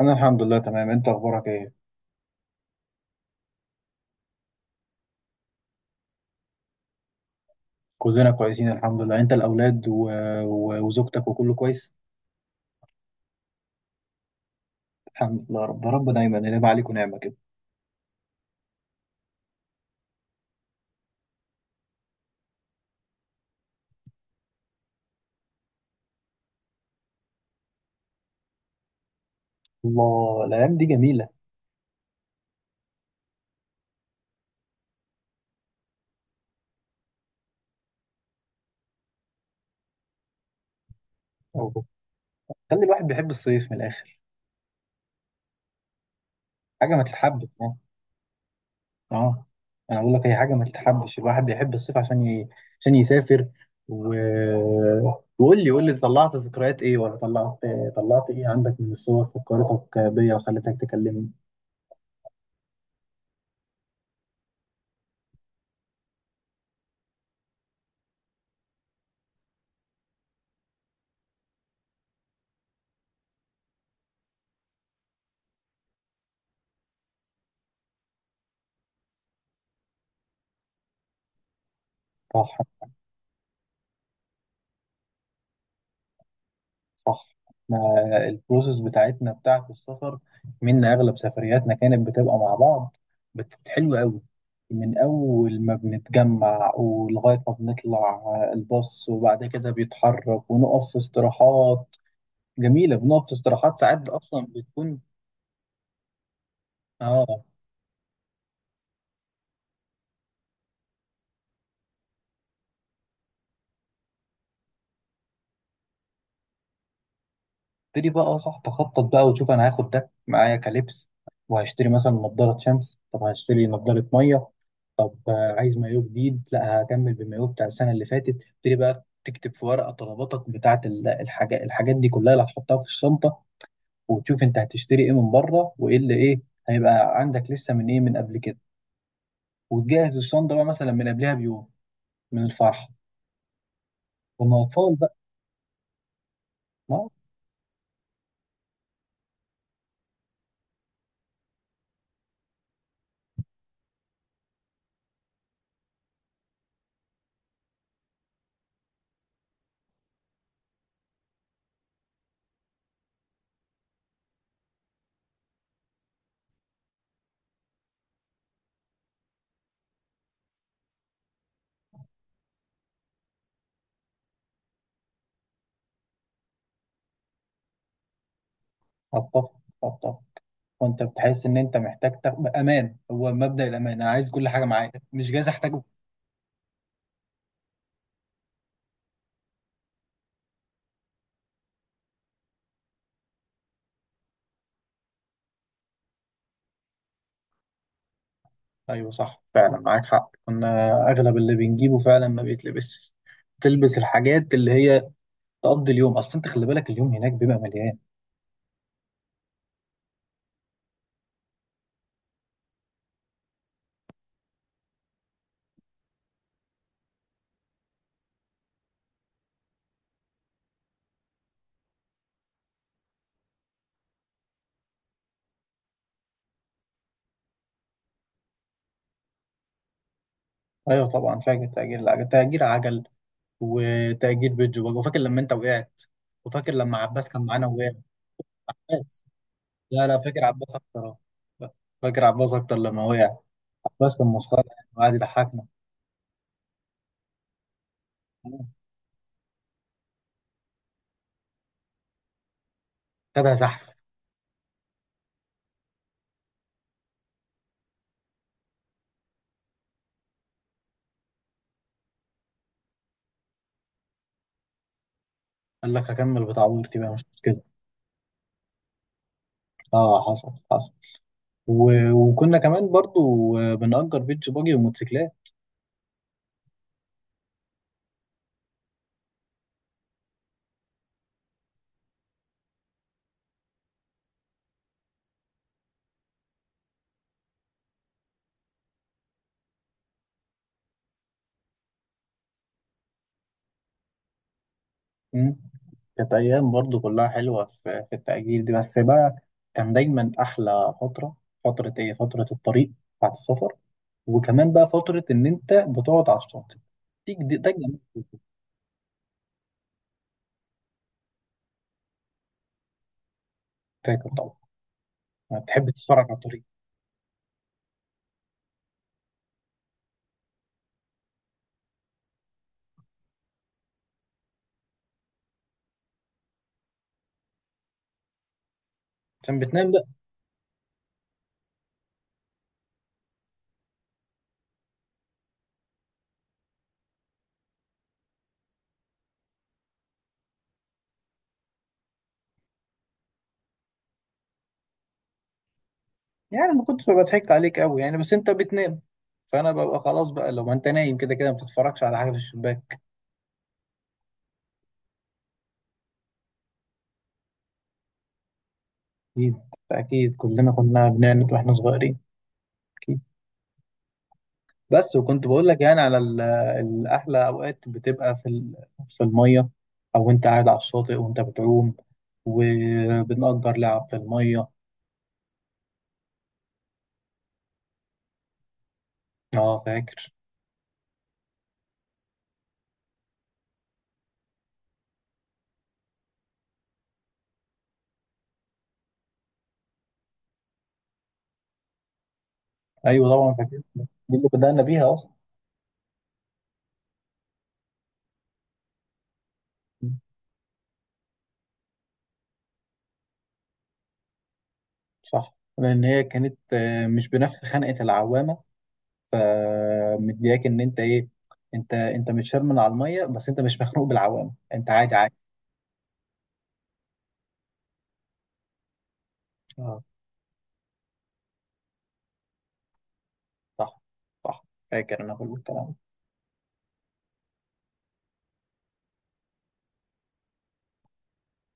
انا الحمد لله تمام. انت اخبارك ايه؟ كلنا كويسين الحمد لله. انت الاولاد و... و... وزوجتك وكله كويس. الحمد لله. رب دايما ينعم عليك ونعمه كده. الله، الايام دي جميله. أوه. خلي الواحد بيحب الصيف من الاخر. حاجه ما تتحبش، اه. اه. انا بقول لك هي حاجه ما تتحبش، الواحد بيحب الصيف عشان عشان يسافر. و... وقول لي قول لي طلعت ذكريات ايه ولا طلعت؟ طلعت ايه عندك من الصور فكرتك بيا وخلتك تكلمني؟ صح، صح. احنا البروسيس بتاعتنا بتاعة السفر، منا اغلب سفرياتنا كانت بتبقى مع بعض، حلوه قوي. من اول ما بنتجمع ولغايه ما بنطلع الباص، وبعد كده بيتحرك ونقف في استراحات جميله. بنقف في استراحات ساعات اصلا بتكون. اه، ابتدي بقى، صح، تخطط بقى وتشوف انا هاخد ده معايا كلبس، وهشتري مثلا نضاره شمس، طب هشتري نضاره ميه، طب عايز مايو جديد، لا هكمل بالمايو بتاع السنه اللي فاتت. ابتدي بقى تكتب في ورقه طلباتك بتاعه الحاجات دي كلها اللي هتحطها في الشنطه، وتشوف انت هتشتري ايه من بره وايه اللي ايه هيبقى عندك لسه من ايه من قبل كده، وتجهز الشنطه بقى مثلا من قبلها بيوم من الفرحه. كنا اطفال بقى. ما. اتفق، اتفق. وانت بتحس ان انت محتاج تاخد امان، هو مبدأ الامان، انا عايز كل حاجه معايا مش جايز احتاجه. ايوه صح، فعلا معاك حق، كنا اغلب اللي بنجيبه فعلا ما بيتلبس. تلبس الحاجات اللي هي تقضي اليوم، اصل انت خلي بالك اليوم هناك بيبقى مليان. ايوه طبعا فاكر، تأجير العجل، تأجير عجل وتأجير بيت جوباج. وفاكر لما انت وقعت، وفاكر لما عباس كان معانا ووقع. عباس، لا لا، فاكر عباس اكتر. آه. فاكر عباس اكتر لما وقع. عباس كان مسخره يعني وقعد يضحكنا. خدها زحف. قال لك هكمل بتاع عمرتي بقى، مش مشكلة. اه، حصل حصل. و... وكنا كمان برضو بنأجر بيتش باجي وموتوسيكلات. مم. كانت أيام برضو كلها حلوة، في التأجير دي بس بقى كان دايما أحلى فترة. فترة إيه؟ فترة الطريق بتاعت السفر. وكمان بقى فترة إن أنت بتقعد على الشاطئ تيجي دي، ده جميل. فاكر طبعا، ما بتحب تتفرج على الطريق. عشان بتنام بقى. يعني ما كنتش بضحك عليك قوي يعني، بس أنت بتنام فأنا ببقى خلاص بقى، لو ما أنت نايم كده كده ما بتتفرجش على حاجة في الشباك. أكيد، أكيد كلنا كنا بنعند وإحنا صغيرين، أكيد. بس وكنت بقول لك يعني على الأحلى أوقات بتبقى في في المية، أو أنت قاعد على الشاطئ وأنت بتعوم وبنأجر لعب في المية. أه فاكر. أيوه طبعا فاكر دي، اللي بدأنا بيها أصلا. صح، لأن هي كانت مش بنفس خنقة العوامة، فمدياك إن أنت إيه، أنت مش شرمن على المية، بس أنت مش مخنوق بالعوامة، أنت عادي عادي. أه، صح، صح. فاكر أنا كل الكلام ده.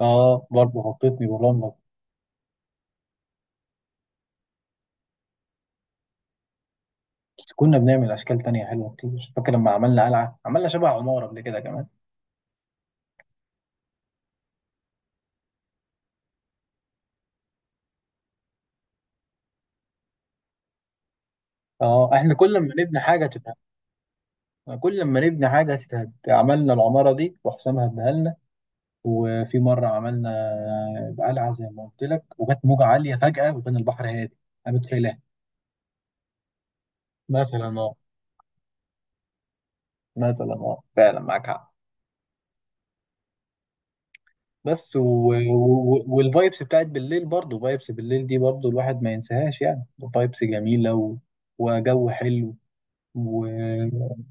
اه برضه حطيتني بولندا. بس كنا بنعمل اشكال تانية حلوه كتير، فاكر لما عملنا قلعه، عملنا شبه عماره قبل كده كمان. اه، احنا كل ما نبني حاجه تتهد. كل ما نبني حاجه تتهد، عملنا العماره دي وحسام هدها لنا. وفي مره عملنا قلعه زي ما قلت لك، وجت موجه عاليه فجاه وكان البحر هادي، قامت شايلاها. مثلا اه مثلا اه، فعلا معاك حق. بس و... و... والفايبس بتاعت بالليل، برضه فايبس بالليل دي برضه الواحد ما ينساهاش يعني. فايبس جميله و... وجو حلو، وناكل.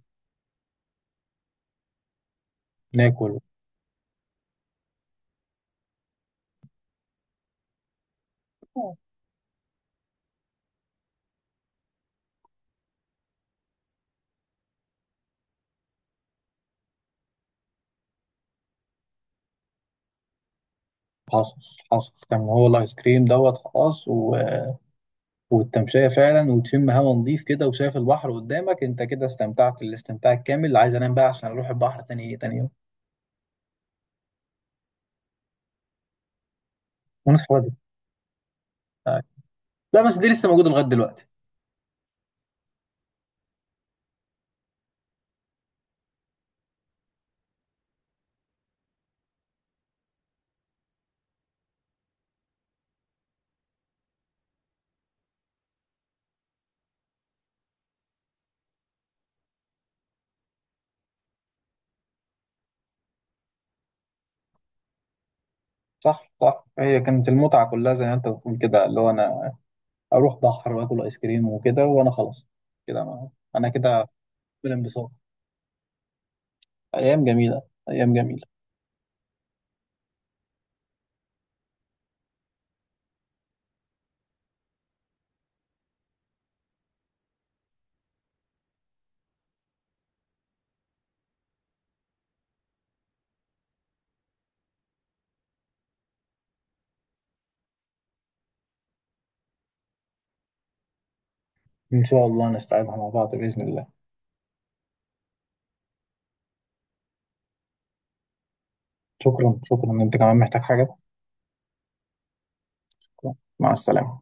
حصل، حصل، كان هو الايس كريم دوت خلاص، و... والتمشية فعلا، وتشم هوا نضيف كده وشايف البحر قدامك، انت كده استمتعت الاستمتاع الكامل. عايز انام بقى عشان اروح البحر تاني يوم. ونصحى بدري. آه. لا بس دي لسه موجودة لغاية دلوقتي. صح، صح، هي كانت المتعة كلها زي ما انت بتقول كده، اللي هو انا اروح بحر واكل ايس كريم وكده، وانا خلاص. كده ما. انا كده بالانبساط. ايام جميلة، ايام جميلة. ان شاء الله نستعيدها مع بعض بإذن الله. شكرا، شكرا، انت كمان محتاج حاجة؟ مع السلامة.